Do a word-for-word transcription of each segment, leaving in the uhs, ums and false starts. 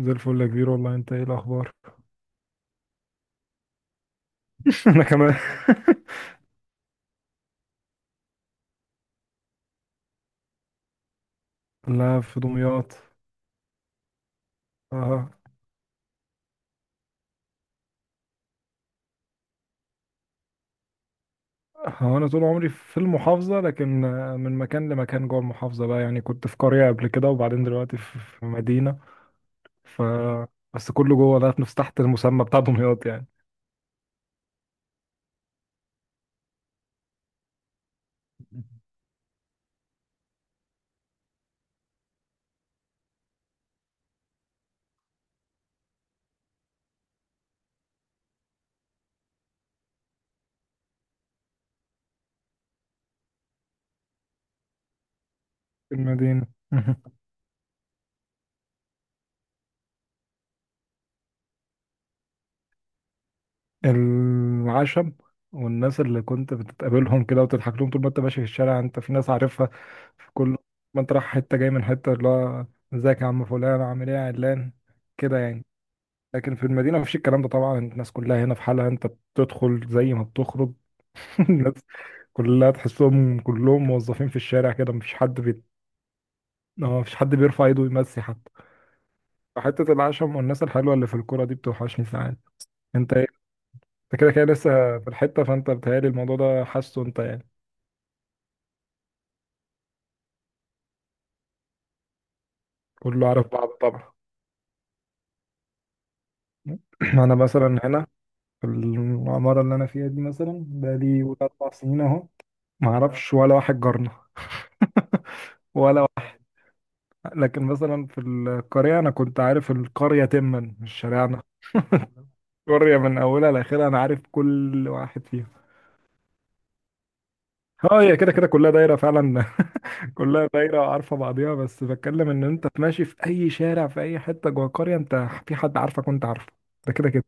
زي الفل يا كبير والله. انت ايه الاخبار؟ انا كمان. لا، في دمياط. اه، هو انا طول عمري في المحافظه، لكن آه، من مكان لمكان جوه المحافظه بقى يعني. كنت في قريه قبل كده، وبعدين دلوقتي في في مدينه. ف بس كله جوه ده، نفس تحت المسمى بتاع دمياط يعني. المدينه. العشم، والناس اللي كنت بتتقابلهم كده وتضحك لهم طول ما انت ماشي في الشارع، انت في ناس عارفها في كل ما انت رايح حتة، جاي من حتة، اللي هو ازيك يا عم فلان، عامل ايه يا علان، كده يعني. لكن في المدينة مفيش الكلام ده طبعا، الناس كلها هنا في حالها، انت بتدخل زي ما بتخرج. الناس كلها تحسهم كلهم موظفين في الشارع كده، مفيش حد بيت... اه، مفيش حد بيرفع ايده يمسي حتى. حتة العشم والناس الحلوة اللي في الكرة دي بتوحشني ساعات. انت انت كده كده لسه في الحتة، فانت بتهيألي الموضوع ده حاسه انت يعني. كله عارف بعض طبعا. انا مثلا هنا، في العمارة اللي انا فيها دي مثلا، بقالي قول اربع سنين اهو. ما اعرفش ولا واحد جارنا. ولا واحد. لكن مثلا في القرية انا كنت عارف القرية تما مش شارعنا. القرية من اولها لاخرها انا عارف كل واحد فيهم. اه، هي كده كده كلها دايره فعلا. كلها دايره عارفه بعضيها، بس بتكلم ان انت ماشي في اي شارع، في اي حته جوه قريه، انت في حد عارفك وانت عارفه. ده كده كده.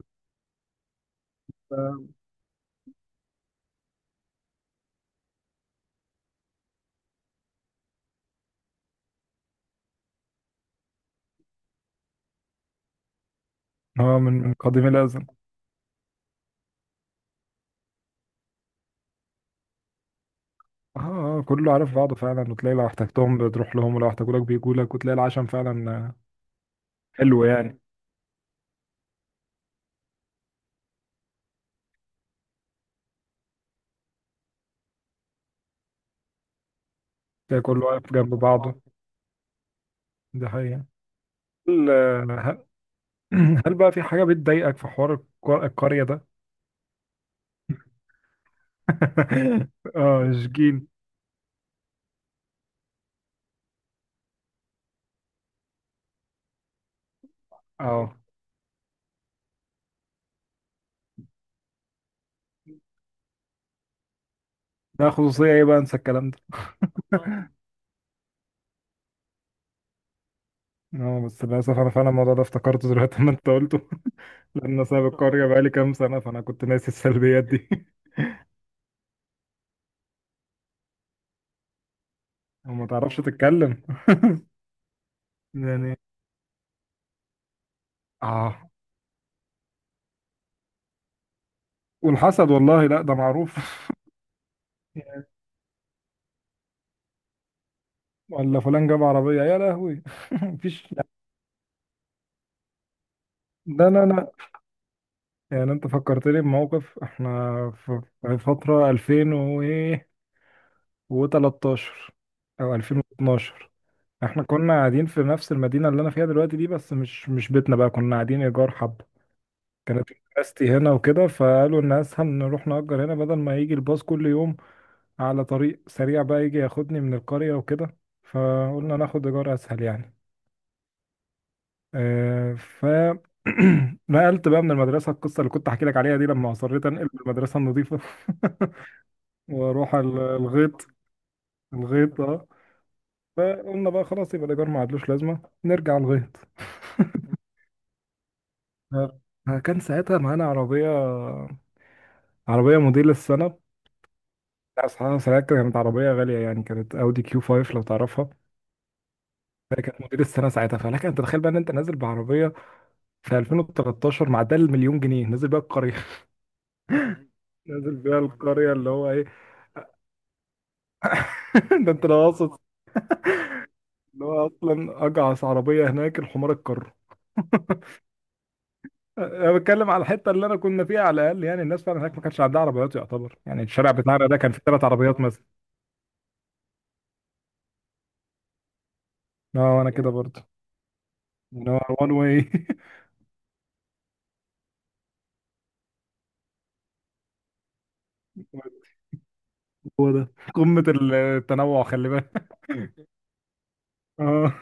اه، من من قديم الازل. اه اه، كله عارف بعضه فعلا، وتلاقي لو احتجتهم بتروح لهم، ولو احتاجولك بيجولك، وتلاقي العشم فعلا. آه، حلو يعني. تلاقي كله واقف جنب بعضه. دي حقيقة. هل آه، هل بقى في حاجة بتضايقك في حوار الق- القرية ده؟ اه شجين. اه، ده خصوصية ايه بقى؟ انسى الكلام ده. اه، بس للأسف أنا فعلا الموضوع ده افتكرته دلوقتي لما أنت قلته. لأن أنا سايب القرية بقالي كام سنة، فأنا كنت ناسي السلبيات دي. وما تعرفش تتكلم يعني. اه، والحسد والله لا، ده معروف. يعني ولا فلان جاب عربية يا لهوي. مفيش. لا لا لا لا. يعني أنت فكرتني بموقف، إحنا في في فترة ألفين و إيه و13 أو ألفين واثنا عشر، إحنا كنا قاعدين في نفس المدينة اللي أنا فيها دلوقتي دي، بس مش مش بيتنا بقى، كنا قاعدين إيجار حب. كانت مدرستي هنا وكده، فقالوا ان اسهل نروح نأجر هنا بدل ما يجي الباص كل يوم على طريق سريع بقى يجي ياخدني من القرية وكده. فقلنا ناخد ايجار اسهل يعني. آه، ف نقلت بقى من المدرسة، القصة اللي كنت احكي لك عليها دي، لما اصريت انقل من المدرسة النظيفة واروح ال- الغيط. الغيط اه. فقلنا بقى خلاص يبقى الايجار ما عادلوش لازمة، نرجع الغيط. آه، كان ساعتها معانا عربية، عربية موديل السنة. لا صراحة ساعتها كانت عربية غالية يعني، كانت اودي كيو خمسة لو تعرفها. كانت موديل السنة ساعتها، فلك انت تتخيل بقى ان انت نازل بعربية في ألفين وتلتاشر مع ده المليون جنيه نازل بيها القرية. نازل بيها القرية اللي هو ايه؟ ده انت لو قاصد، اللي هو اصلا اجعص عربية هناك الحمار الكر. انا بتكلم على الحتة اللي انا كنا فيها على الاقل يعني، الناس فعلا هناك ما كانش عندها عربيات يعتبر. يعني الشارع بتاعنا ده كان فيه ثلاث عربيات مثلا. اه انا كده برضه. يعني هو وان واي. هو ده قمة التنوع، خلي بالك. اه،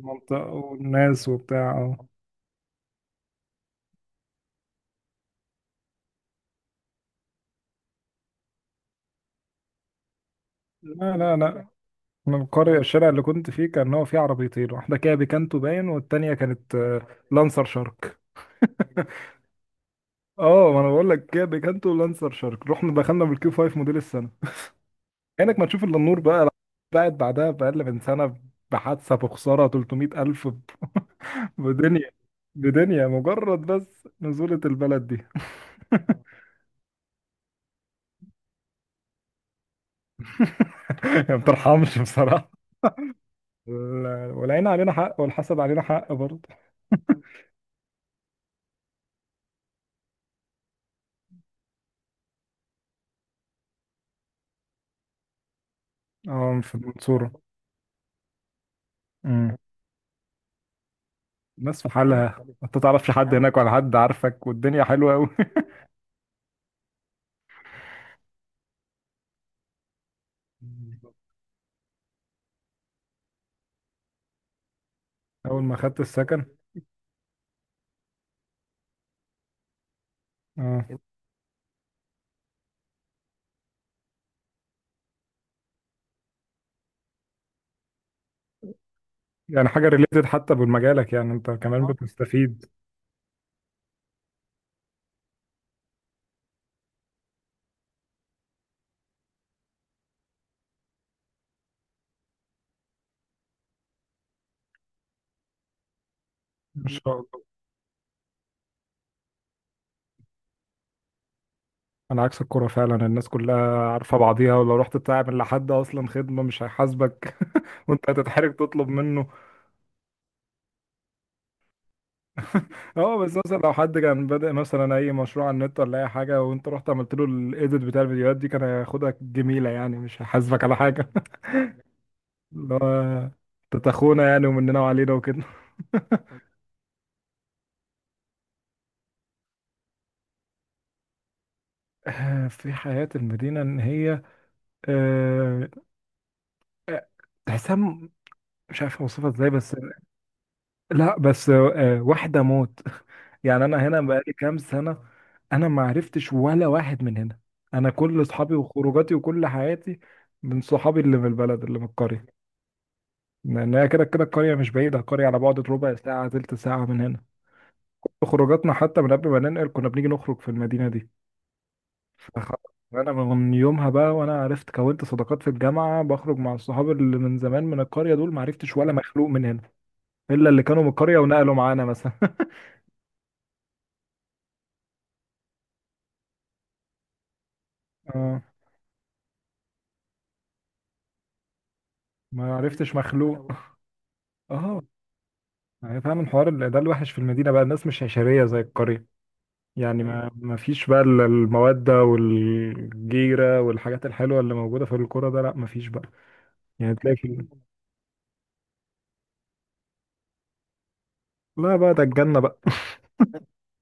المنطقة والناس وبتاع اه. لا لا لا، من القرية الشارع اللي كنت فيه كان هو فيه عربيتين، واحدة كيا بيكانتو باين، والتانية كانت آه، لانسر شارك. اه، ما انا بقول لك كيا بيكانتو ولانسر شارك، رحنا دخلنا بالكيو خمسة موديل السنة. كأنك ما تشوف الا النور بقى. بعد بعدها بأقل من سنة، بحادثة، بخسارة تلتمية ألف، ب- بدنيا. بدنيا مجرد، بس نزولة البلد دي. ما بترحمش بصراحة. وال- والعين علينا حق، والحسد علينا حق برضه. اه، في المنصورة. امم، ناس في الناس حالها، بتعمل ما تعرفش حد يعني هناك، ولا حد عارفك، والدنيا حلوه قوي. بالظبط. اول ما خدت السكن اه انت، يعني حاجه ريليتد حتى بمجالك يعني انت كمان، اه بتستفيد. ما مم. شاء الله. انا عكس الكوره فعلا، الناس كلها عارفه بعضيها، ولو رحت تعمل لحد اصلا خدمه مش هيحاسبك، وانت هتتحرج تطلب منه. اه، بس مثلا لو حد كان بادئ مثلا اي مشروع على النت، ولا اي حاجه، وانت رحت عملت له الايديت بتاع الفيديوهات دي، كان هياخدها جميله يعني، مش هيحاسبك على حاجه. اللي هو تلت اخونا يعني، ومننا وعلينا وكده. آه، في حياة المدينة، ان هي آه، آه، تحسها م- مش عارف اوصفها ازاي، بس لا بس آه، واحدة موت. يعني انا هنا بقالي كام سنة. انا ما عرفتش ولا واحد من هنا. انا كل اصحابي وخروجاتي وكل حياتي من صحابي اللي من البلد، اللي من القرية. لان هي كده كده القرية مش بعيدة، القرية على بعد ربع ساعة تلت ساعة من هنا. خروجاتنا حتى من قبل ما ننقل كنا بنيجي نخرج في المدينة دي. فخ- فانا من يومها بقى وانا عرفت، كونت صداقات في الجامعه، بخرج مع الصحاب اللي من زمان من القريه دول. ما عرفتش ولا مخلوق من هنا، الا اللي كانوا من القريه ونقلوا معانا مثلا. اه، ما عرفتش مخلوق. اه، يعني فعلا حوار ال- ده الوحش في المدينه بقى، الناس مش عشريه زي القريه يعني. ما ما فيش بقى ال- الموده والجيره والحاجات الحلوه اللي موجوده في القرى ده، لا ما فيش بقى. يعني تلاقي في، لا بقى ده الجنه بقى.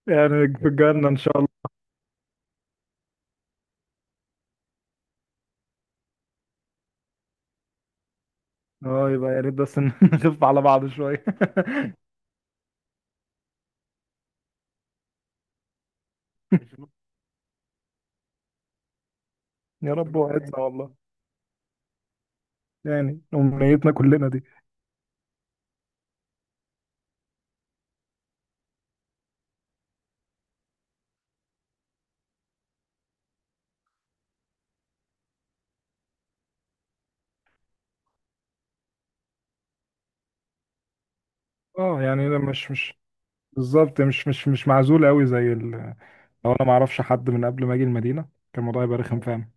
يعني في الجنه ان شاء الله. اه، يبقى يا ريت بس إن نخف على بعض شويه. يا رب وعدنا والله. يعني أمنيتنا كلنا دي. اه، يعني انا مش مش بالظبط، مش مش مش معزول قوي زي ال... لو انا ما اعرفش حد من قبل ما اجي المدينة كان الموضوع يبقى رخم، فاهم؟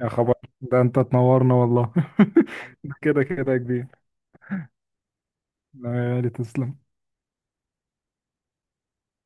يا خبر، ده انت تنورنا والله. ده كده كده يا كبير. لا يا غالي تسلم.